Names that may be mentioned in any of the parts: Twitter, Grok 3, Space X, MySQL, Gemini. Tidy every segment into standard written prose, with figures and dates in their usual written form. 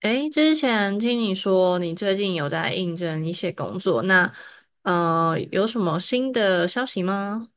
诶，之前听你说你最近有在应征一些工作，那有什么新的消息吗？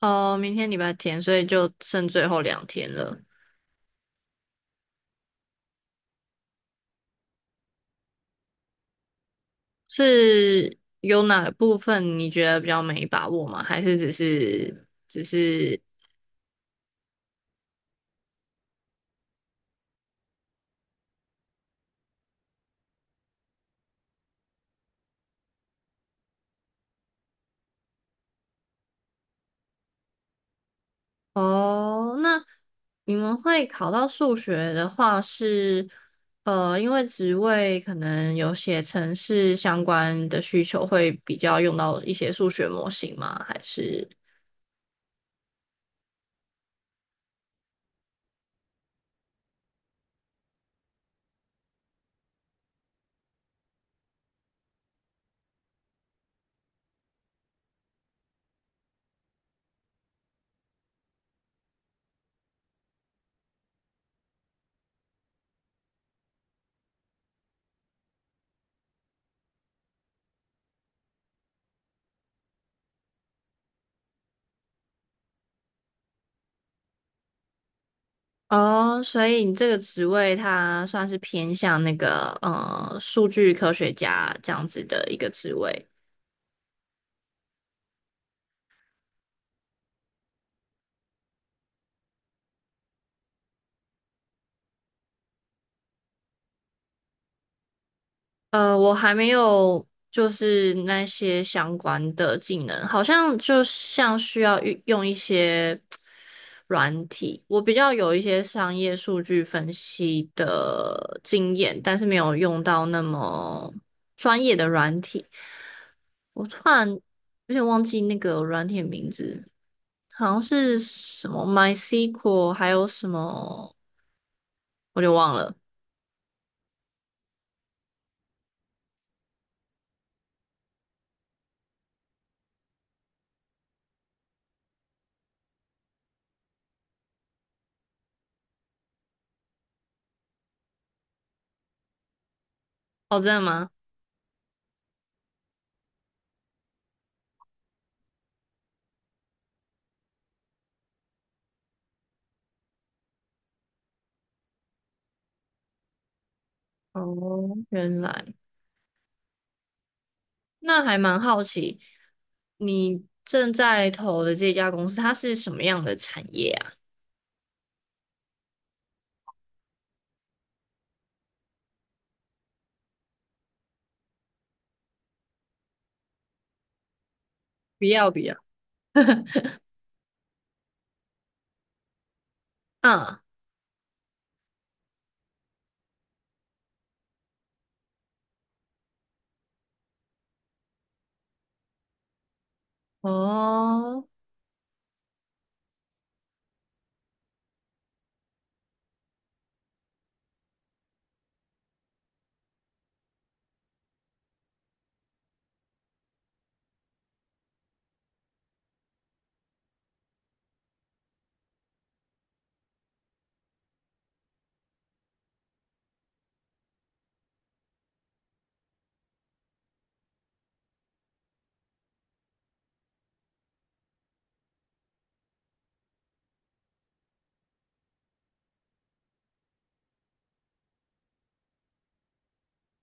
哦，明天礼拜天，所以就剩最后两天了。是有哪部分你觉得比较没把握吗？还是只是哦，那你们会考到数学的话是，因为职位可能有写程式相关的需求，会比较用到一些数学模型吗？还是哦，所以你这个职位它算是偏向那个数据科学家这样子的一个职位。我还没有就是那些相关的技能，好像就像需要运用一些。软体，我比较有一些商业数据分析的经验，但是没有用到那么专业的软体。我突然有点忘记那个软体的名字，好像是什么 MySQL，还有什么，我就忘了。哦，真的吗？哦，原来那还蛮好奇，你正在投的这家公司，它是什么样的产业啊？不要不要。嗯，哦，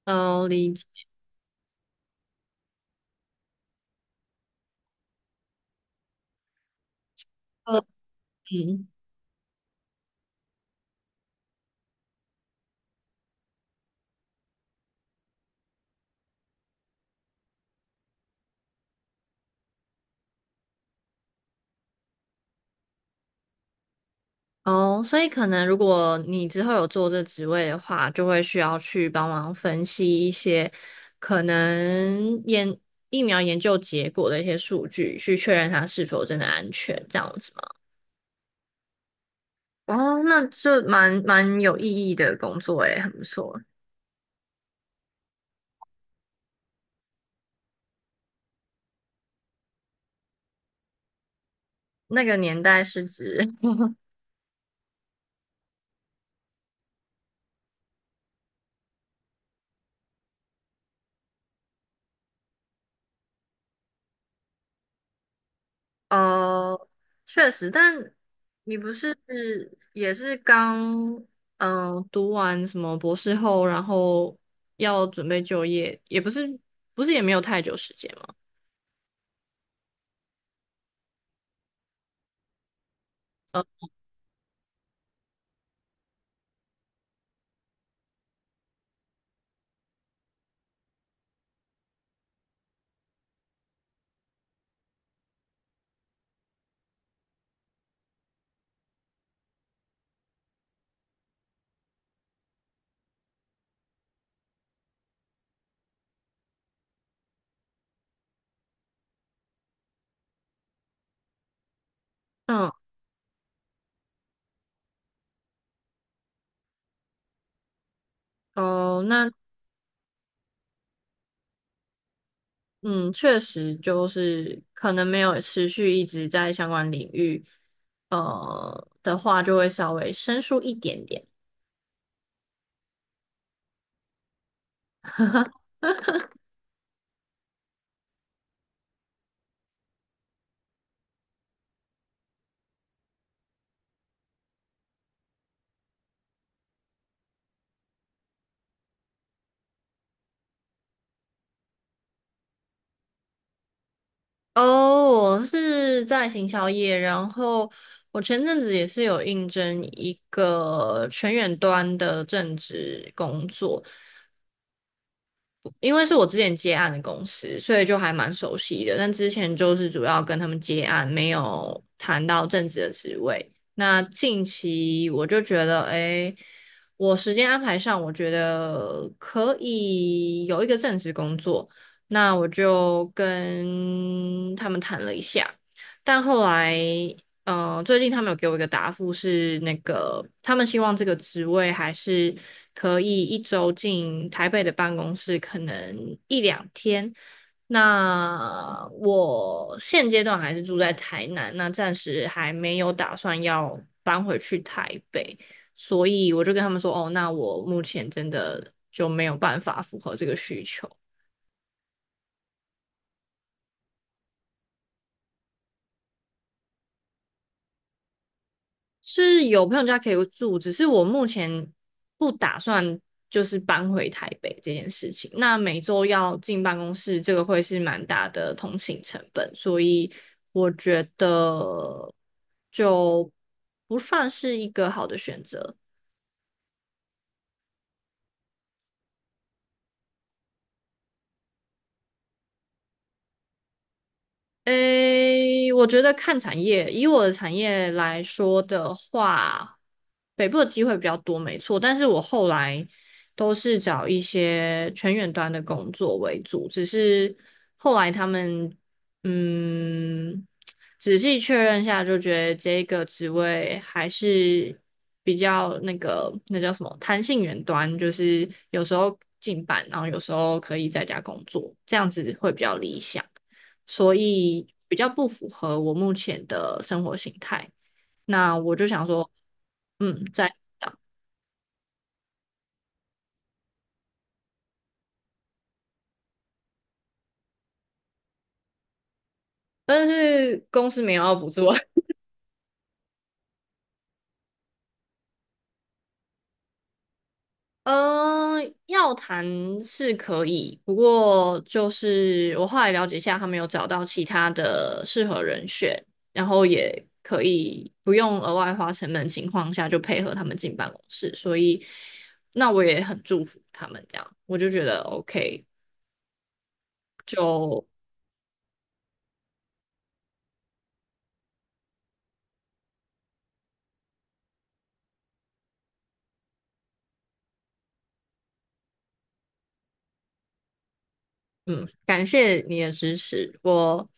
哦，理解。嗯，哦，所以可能如果你之后有做这职位的话，就会需要去帮忙分析一些可能研疫苗研究结果的一些数据，去确认它是否真的安全，这样子吗？哦，那这蛮蛮有意义的工作诶，很不错。那个年代是指 哦，确实，但你不是也是刚读完什么博士后，然后要准备就业，也不是也没有太久时间嘛。呃，嗯，哦，那嗯，确实就是可能没有持续一直在相关领域，的话，就会稍微生疏一点点。哦，我是在行销业，然后我前阵子也是有应征一个全远端的正职工作，因为是我之前接案的公司，所以就还蛮熟悉的。但之前就是主要跟他们接案，没有谈到正职的职位。那近期我就觉得，哎，我时间安排上，我觉得可以有一个正职工作。那我就跟他们谈了一下，但后来最近他们有给我一个答复是，那个他们希望这个职位还是可以一周进台北的办公室，可能一两天。那我现阶段还是住在台南，那暂时还没有打算要搬回去台北，所以我就跟他们说，哦，那我目前真的就没有办法符合这个需求。是有朋友家可以住，只是我目前不打算就是搬回台北这件事情。那每周要进办公室，这个会是蛮大的通勤成本，所以我觉得就不算是一个好的选择。诶，我觉得看产业，以我的产业来说的话，北部的机会比较多，没错。但是我后来都是找一些全远端的工作为主，只是后来他们嗯，仔细确认下，就觉得这个职位还是比较那个那叫什么弹性远端，就是有时候进班，然后有时候可以在家工作，这样子会比较理想。所以比较不符合我目前的生活形态。那我就想说，嗯，在，但是公司没有要补助啊。呃，要谈是可以，不过就是我后来了解一下，他们有找到其他的适合人选，然后也可以不用额外花成本的情况下就配合他们进办公室，所以那我也很祝福他们这样，我就觉得 OK,就。嗯，感谢你的支持，我，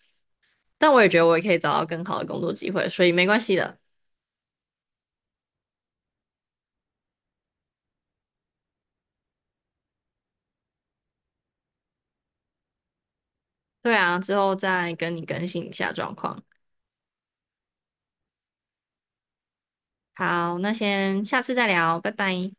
但我也觉得我也可以找到更好的工作机会，所以没关系的。对啊，之后再跟你更新一下状况。好，那先下次再聊，拜拜。